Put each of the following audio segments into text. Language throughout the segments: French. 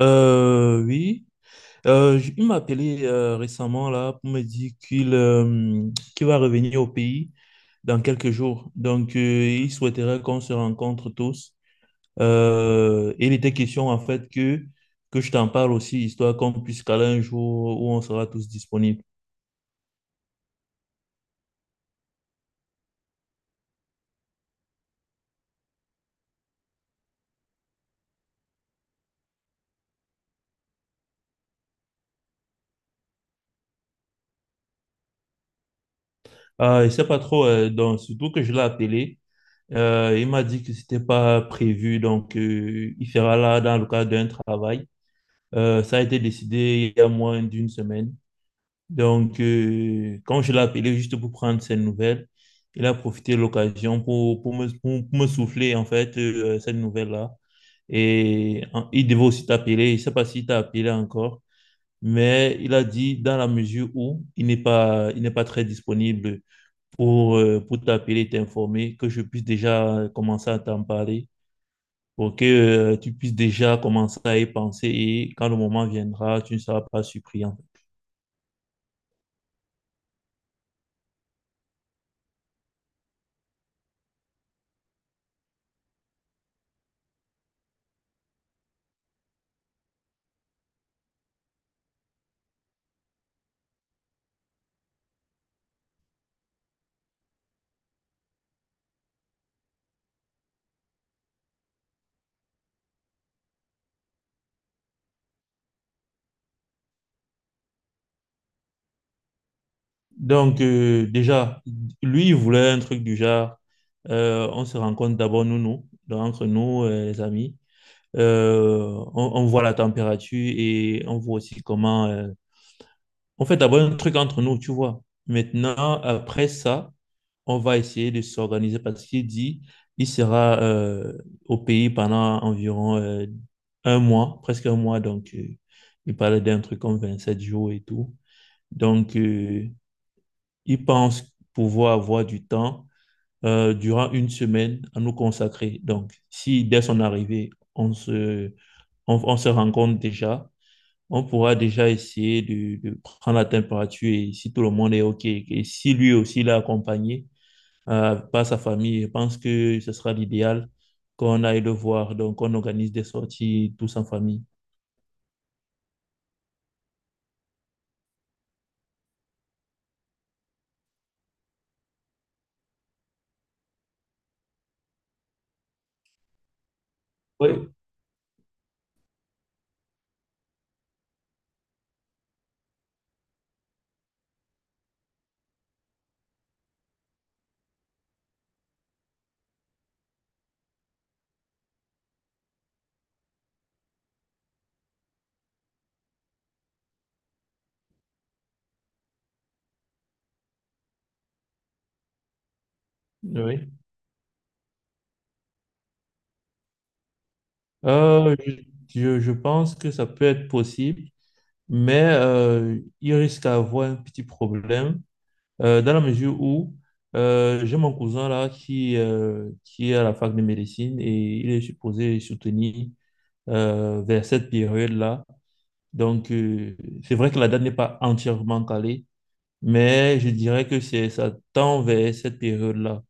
Oui. Il m'a appelé récemment là pour me dire qu'il va revenir au pays dans quelques jours. Donc, il souhaiterait qu'on se rencontre tous. Et il était question en fait que je t'en parle aussi, histoire qu'on puisse caler un jour où on sera tous disponibles. Ah, je sais pas trop, donc, surtout que je l'ai appelé. Il m'a dit que c'était pas prévu, donc il sera là dans le cadre d'un travail. Ça a été décidé il y a moins d'une semaine. Donc, quand je l'ai appelé juste pour prendre ses nouvelles, il a profité de l'occasion pour me souffler, en fait, cette nouvelle-là. Et en- il devait aussi t'appeler. Je ne sais pas s'il t'a appelé encore, mais il a dit, dans la mesure où il n'est pas très disponible pour t'appeler et t'informer, que je puisse déjà commencer à t'en parler, pour que, tu puisses déjà commencer à y penser. Et quand le moment viendra, tu ne seras pas surpris, en. Donc, déjà, lui, il voulait un truc du genre, on se rencontre d'abord nous, nous, donc entre nous, les amis. Euh, on voit la température et on voit aussi comment. On fait d'abord un truc entre nous, tu vois. Maintenant, après ça, on va essayer de s'organiser parce qu'il dit, il sera au pays pendant environ un mois, presque un mois. Donc, il parlait d'un truc comme 27 jours et tout. Donc, ils pensent pouvoir avoir du temps durant une semaine à nous consacrer. Donc, si dès son arrivée, on se rencontre déjà, on pourra déjà essayer de prendre la température et si tout le monde est OK, et si lui aussi l'a accompagné par sa famille, je pense que ce sera l'idéal qu'on aille le voir. Donc, on organise des sorties tous en famille. Oui, oui. Euh, je, je pense que ça peut être possible. Mais il risque d'avoir un petit problème dans la mesure où j'ai mon cousin là qui est à la fac de médecine et il est supposé soutenir vers cette période-là. Donc, c'est vrai que la date n'est pas entièrement calée, mais je dirais que ça tend vers cette période-là.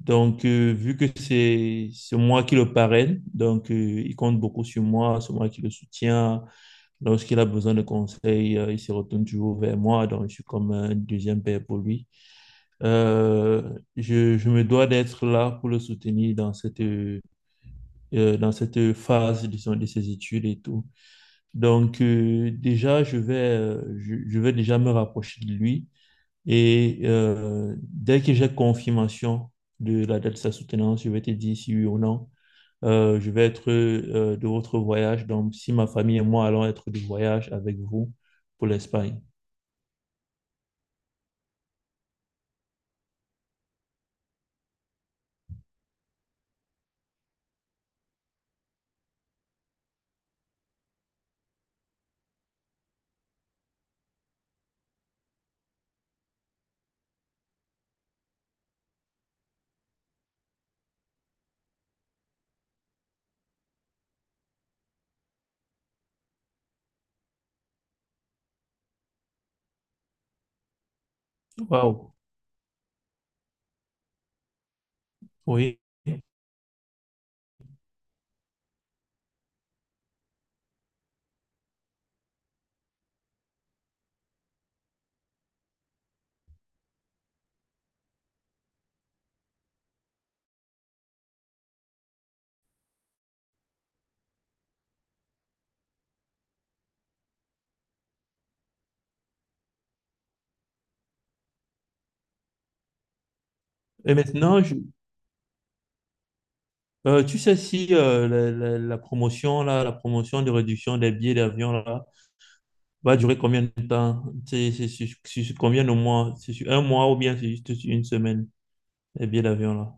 Donc, vu que c'est moi qui le parraine, donc il compte beaucoup sur moi, c'est moi qui le soutiens. Lorsqu'il a besoin de conseils, il se retourne toujours vers moi, donc je suis comme un deuxième père pour lui. Je me dois d'être là pour le soutenir dans cette dans cette phase disons, de ses études et tout. Donc déjà, je vais déjà me rapprocher de lui et dès que j'ai confirmation de la date de sa soutenance, je vais te dire si oui ou non. Je vais être de votre voyage. Donc, si ma famille et moi allons être de voyage avec vous pour l'Espagne. Waouh, oui. Et maintenant, tu sais si la promotion là, la promotion de réduction des billets d'avion là, va durer combien de temps? C'est sur combien de mois? C'est sur un mois ou bien c'est juste sur une semaine, les billets d'avion là?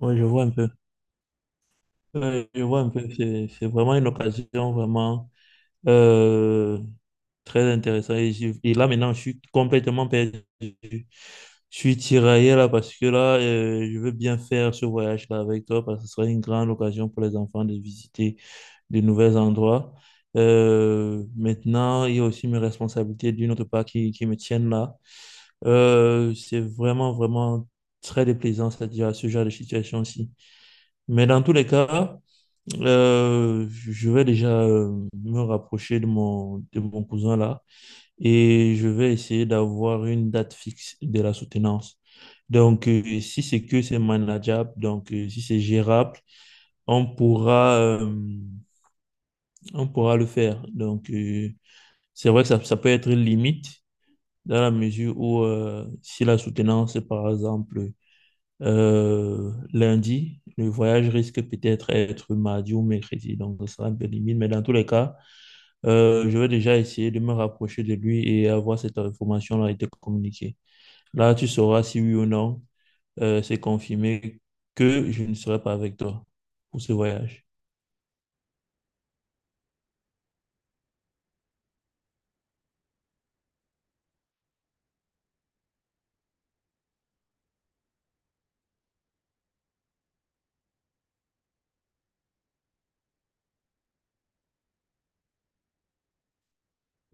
Oui, je vois un peu. Ouais, je vois un peu, c'est vraiment une occasion vraiment euh, très intéressante. Et, et là, maintenant, je suis complètement perdu. Je suis tiraillé là parce que là, je veux bien faire ce voyage-là avec toi parce que ce serait une grande occasion pour les enfants de visiter de nouveaux endroits. Maintenant, il y a aussi mes responsabilités d'une autre part qui me tiennent là. C'est vraiment très déplaisant, c'est-à-dire à ce genre de situation-ci. Mais dans tous les cas, je vais déjà me rapprocher de mon cousin là et je vais essayer d'avoir une date fixe de la soutenance. Donc, si c'est que c'est manageable, donc si c'est gérable, on pourra, euh, on pourra le faire. Donc, c'est vrai que ça peut être limite dans la mesure où si la soutenance est par exemple lundi, le voyage risque peut-être être mardi ou mercredi. Donc, ça sera un peu limite, mais dans tous les cas, je vais déjà essayer de me rapprocher de lui et avoir cette information-là a été communiquée. Là, tu sauras si oui ou non, c'est confirmé que je ne serai pas avec toi pour ce voyage.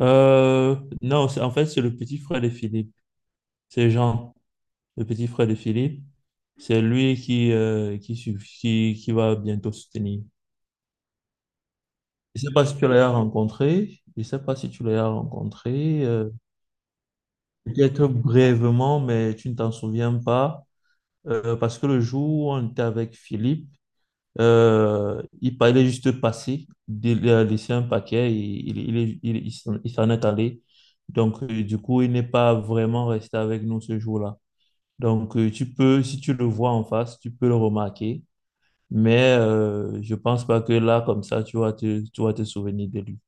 Euh, non, en fait, c'est le petit frère de Philippe. C'est Jean, le petit frère de Philippe. C'est lui qui, qui va bientôt soutenir. Je ne sais pas si tu l'as rencontré. Je ne sais pas si tu l'as rencontré. Peut-être brièvement, mais tu ne t'en souviens pas. Parce que le jour où on était avec Philippe, il juste passé, il a laissé un paquet et il, est- il s'en est allé. Donc, du coup, il n'est pas vraiment resté avec nous ce jour-là. Donc, tu peux, si tu le vois en face, tu peux le remarquer. Mais je pense pas que là, comme ça, tu vas te souvenir de lui.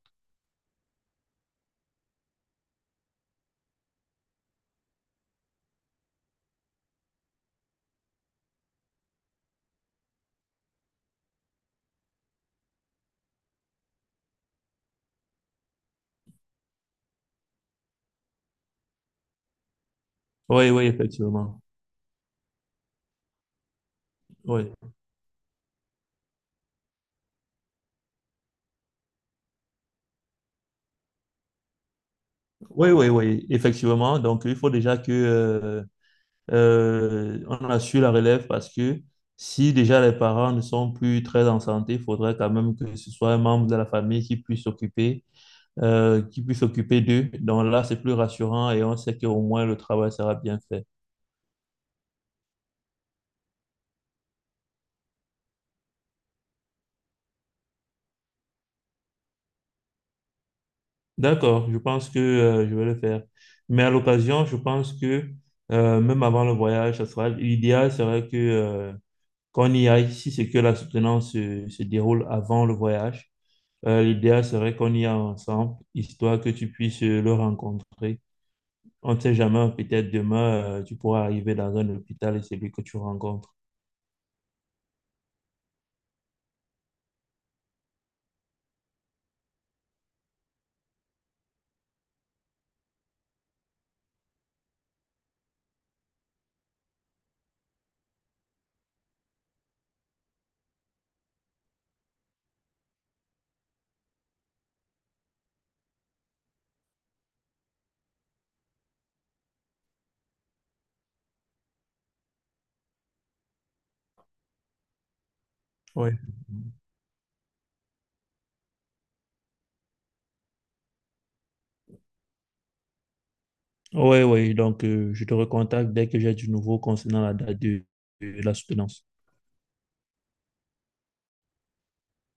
Oui, oui, effectivement. Oui, oui, oui, oui, effectivement. Donc, il faut déjà que on assure la relève parce que si déjà les parents ne sont plus très en santé, il faudrait quand même que ce soit un membre de la famille qui puisse s'occuper d'eux. Donc là, c'est plus rassurant et on sait qu'au moins le travail sera bien fait. D'accord, je pense que je vais le faire. Mais à l'occasion, je pense que même avant le voyage, ça sera, l'idéal serait que qu'on y aille si c'est que la soutenance se déroule avant le voyage. L'idéal serait qu'on y aille ensemble, histoire que tu puisses le rencontrer. On ne sait jamais, peut-être demain, tu pourras arriver dans un hôpital et c'est lui que tu rencontres. Oui. Oui, oui, donc je te recontacte dès que j'ai du nouveau concernant la date de la soutenance.